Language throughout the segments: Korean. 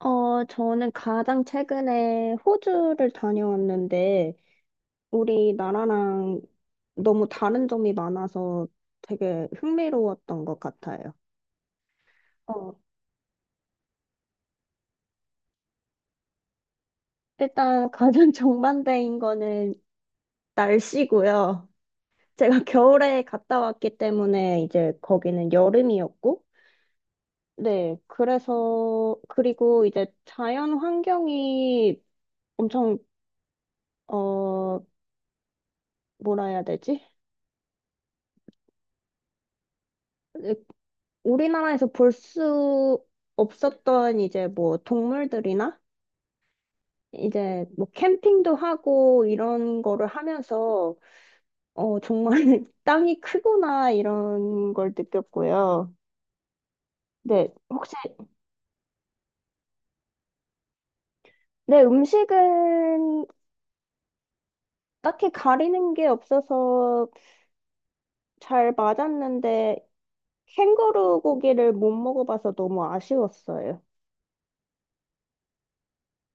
저는 가장 최근에 호주를 다녀왔는데, 우리나라랑 너무 다른 점이 많아서 되게 흥미로웠던 것 같아요. 어, 일단 가장 정반대인 거는 날씨고요. 제가 겨울에 갔다 왔기 때문에 이제 거기는 여름이었고, 네, 그래서, 그리고 이제 자연 환경이 엄청, 어, 뭐라 해야 되지? 우리나라에서 볼 수 없었던 이제 뭐 동물들이나 이제 뭐 캠핑도 하고 이런 거를 하면서 정말 땅이 크구나 이런 걸 느꼈고요. 네, 혹시 내 음식은 딱히 가리는 게 없어서 잘 맞았는데 캥거루 고기를 못 먹어봐서 너무 아쉬웠어요.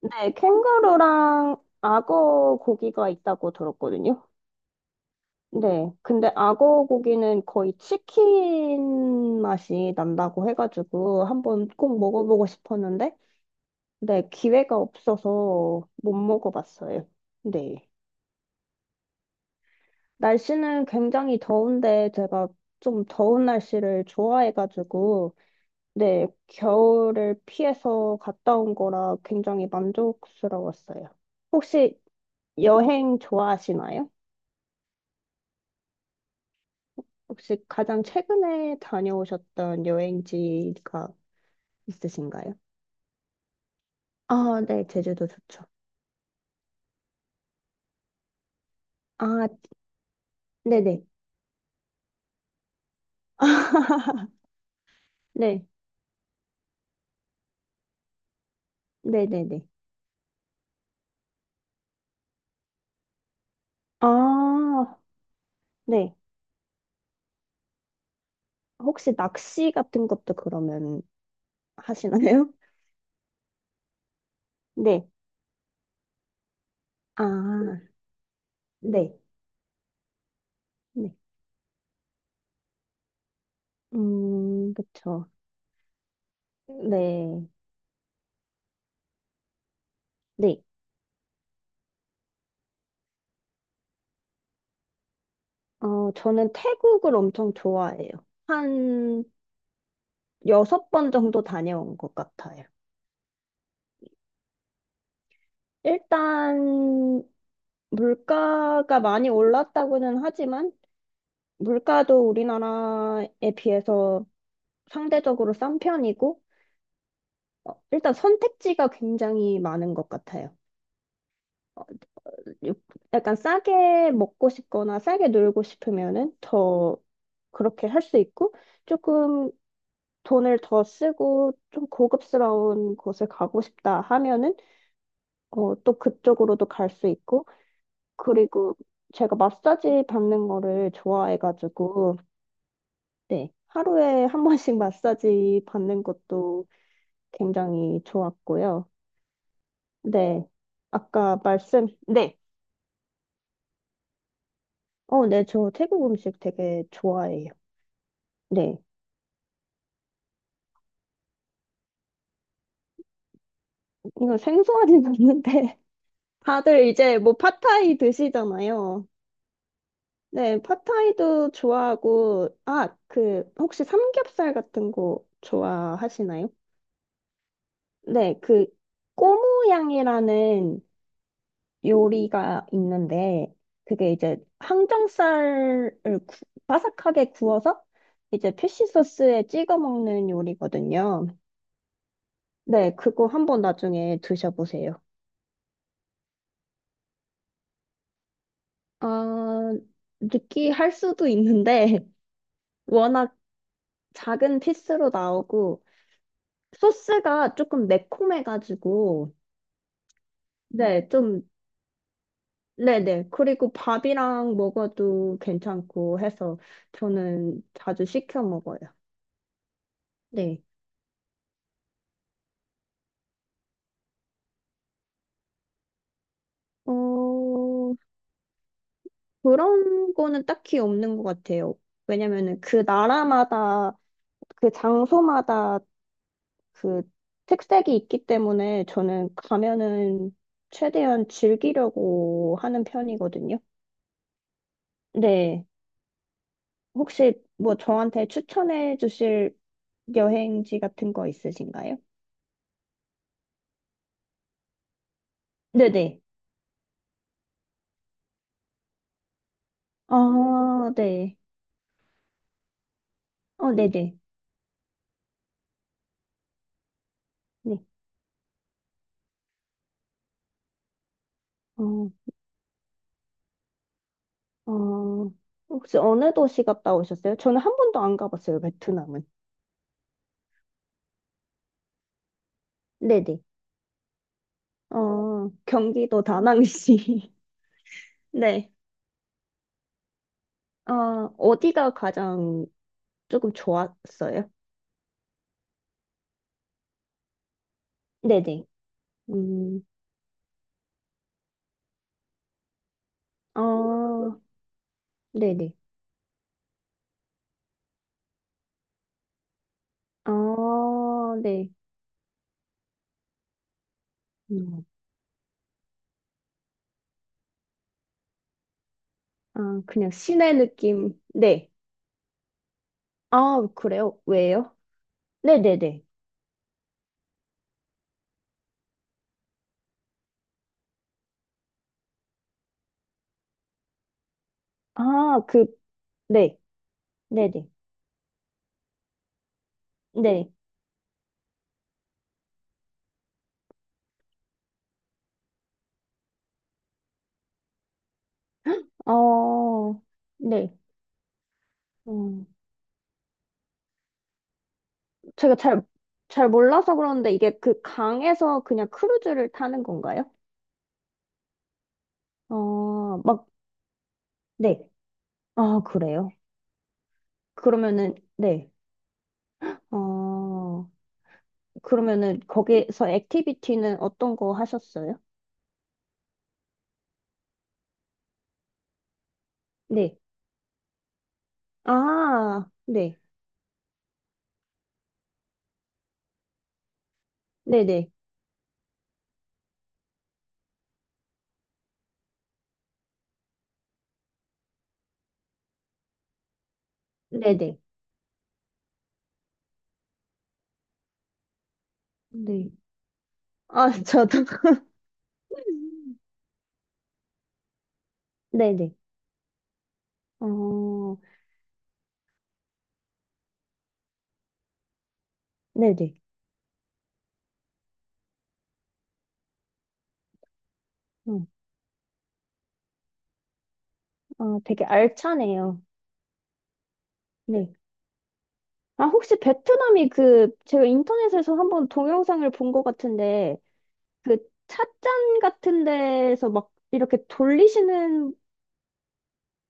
네, 캥거루랑 악어 고기가 있다고 들었거든요. 네. 근데 악어 고기는 거의 치킨 맛이 난다고 해가지고 한번 꼭 먹어보고 싶었는데, 네, 기회가 없어서 못 먹어봤어요. 네. 날씨는 굉장히 더운데 제가 좀 더운 날씨를 좋아해가지고, 네, 겨울을 피해서 갔다 온 거라 굉장히 만족스러웠어요. 혹시 여행 좋아하시나요? 혹시 가장 최근에 다녀오셨던 여행지가 있으신가요? 아, 네, 제주도 좋죠. 아, 네네. 네, 네네네. 아, 네. 혹시 낚시 같은 것도 그러면 하시나요? 네. 아, 네. 네. 그쵸. 네. 네. 저는 태국을 엄청 좋아해요. 한 여섯 번 정도 다녀온 것 같아요. 일단, 물가가 많이 올랐다고는 하지만, 물가도 우리나라에 비해서 상대적으로 싼 편이고, 일단 선택지가 굉장히 많은 것 같아요. 어, 요- 약간 싸게 먹고 싶거나 싸게 놀고 싶으면은 더 그렇게 할 수 있고, 조금 돈을 더 쓰고 좀 고급스러운 곳을 가고 싶다 하면은 또 그쪽으로도 갈 수 있고, 그리고 제가 마사지 받는 거를 좋아해가지고, 네. 하루에 한 번씩 마사지 받는 것도 굉장히 좋았고요. 네. 아까 말씀, 네. 네. 저 태국 음식 되게 좋아해요. 네. 이거 생소하진 않는데. 다들 이제 뭐 팟타이 드시잖아요. 네. 팟타이도 좋아하고, 아, 그, 혹시 삼겹살 같은 거 좋아하시나요? 네. 그, 꼬무양이라는 요리가 있는데 그게 이제 항정살을 바삭하게 구워서 이제 피쉬 소스에 찍어 먹는 요리거든요. 네, 그거 한번 나중에 드셔보세요. 아, 느끼할 수도 있는데 워낙 작은 피스로 나오고 소스가 조금 매콤해가지고 네, 좀 네네. 그리고 밥이랑 먹어도 괜찮고 해서 저는 자주 시켜 먹어요. 네. 어, 그런 거는 딱히 없는 것 같아요. 왜냐면은 그 나라마다, 그 장소마다 그 특색이 있기 때문에 저는 가면은 최대한 즐기려고 하는 편이거든요. 네. 혹시 뭐 저한테 추천해 주실 여행지 같은 거 있으신가요? 네네. 아, 네. 네네. 네. 어, 어, 혹시 어느 도시 갔다 오셨어요? 저는 한 번도 안 가봤어요, 베트남은. 네네. 경기도 다낭시. 네. 어, 어디가 가장 조금 좋았어요? 네네. 음, 어, 네네. 네. 음, 아, 그냥 시내 느낌. 네. 아, 그래요? 왜요? 네네네. 아, 그, 네. 네네. 네. 어, 네. 어 제가 잘 몰라서 그러는데 이게 그 강에서 그냥 크루즈를 타는 건가요? 막 네. 아, 그래요? 그러면은, 네. 어, 그러면은 거기서 액티비티는 어떤 거 하셨어요? 네. 아, 네. 네네. 네네. 네. 아, 저도. 네네. 어, 네네. 음, 아, 되게 알차네요. 네. 아, 혹시 베트남이 그, 제가 인터넷에서 한번 동영상을 본 것 같은데, 그 찻잔 같은 데서 막 이렇게 돌리시는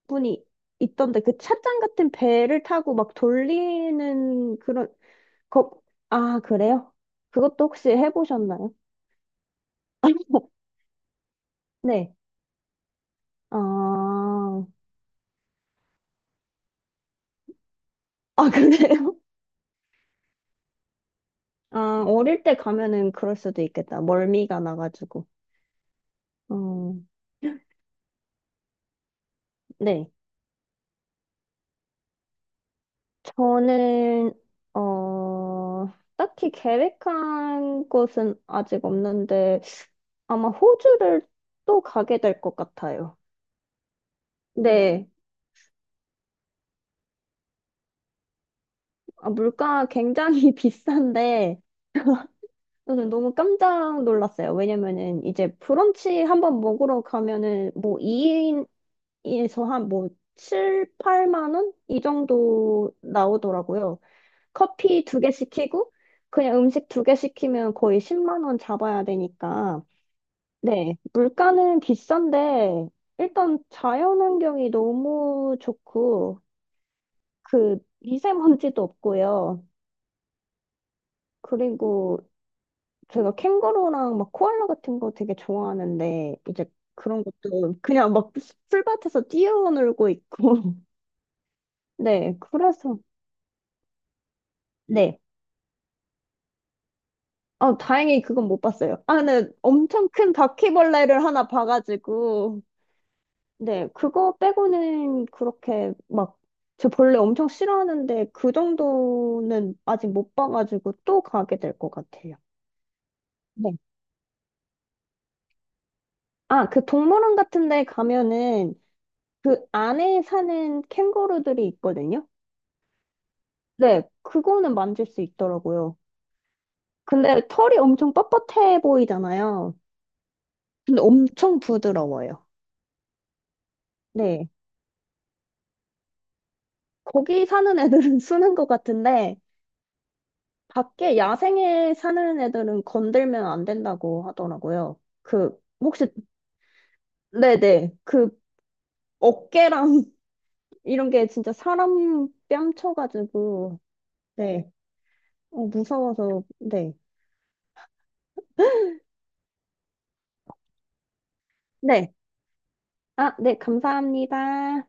분이 있던데 그 찻잔 같은 배를 타고 막 돌리는 그런 거... 아, 그래요? 그것도 혹시 해보셨나요? 네. 아, 아, 그래요? 아, 어릴 때 가면은 그럴 수도 있겠다. 멀미가 나가지고. 어, 네. 저는, 어, 딱히 계획한 곳은 아직 없는데, 아마 호주를 또 가게 될 것 같아요. 네. 아, 물가 굉장히 비싼데, 저는 너무 깜짝 놀랐어요. 왜냐면은 이제 브런치 한번 먹으러 가면은 뭐 2인에서 한 뭐 7, 8만 원? 이 정도 나오더라고요. 커피 두 개 시키고, 그냥 음식 두 개 시키면 거의 10만 원 잡아야 되니까. 네, 물가는 비싼데, 일단 자연환경이 너무 좋고, 그 미세먼지도 없고요. 그리고 제가 캥거루랑 막 코알라 같은 거 되게 좋아하는데 이제 그런 것도 그냥 막 풀밭에서 뛰어놀고 있고 네 그래서 네 아, 다행히 그건 못 봤어요. 아, 근데 엄청 큰 바퀴벌레를 하나 봐가지고 네 그거 빼고는 그렇게 막 저 벌레 엄청 싫어하는데 그 정도는 아직 못 봐가지고 또 가게 될 것 같아요. 네. 아, 그 동물원 같은 데 가면은 그 안에 사는 캥거루들이 있거든요. 네, 그거는 만질 수 있더라고요. 근데 털이 엄청 뻣뻣해 보이잖아요. 근데 엄청 부드러워요. 네. 거기 사는 애들은 쓰는 것 같은데, 밖에 야생에 사는 애들은 건들면 안 된다고 하더라고요. 그, 혹시, 네네. 그, 어깨랑 이런 게 진짜 사람 뺨쳐가지고, 네. 무서워서, 네. 네. 아, 네. 감사합니다.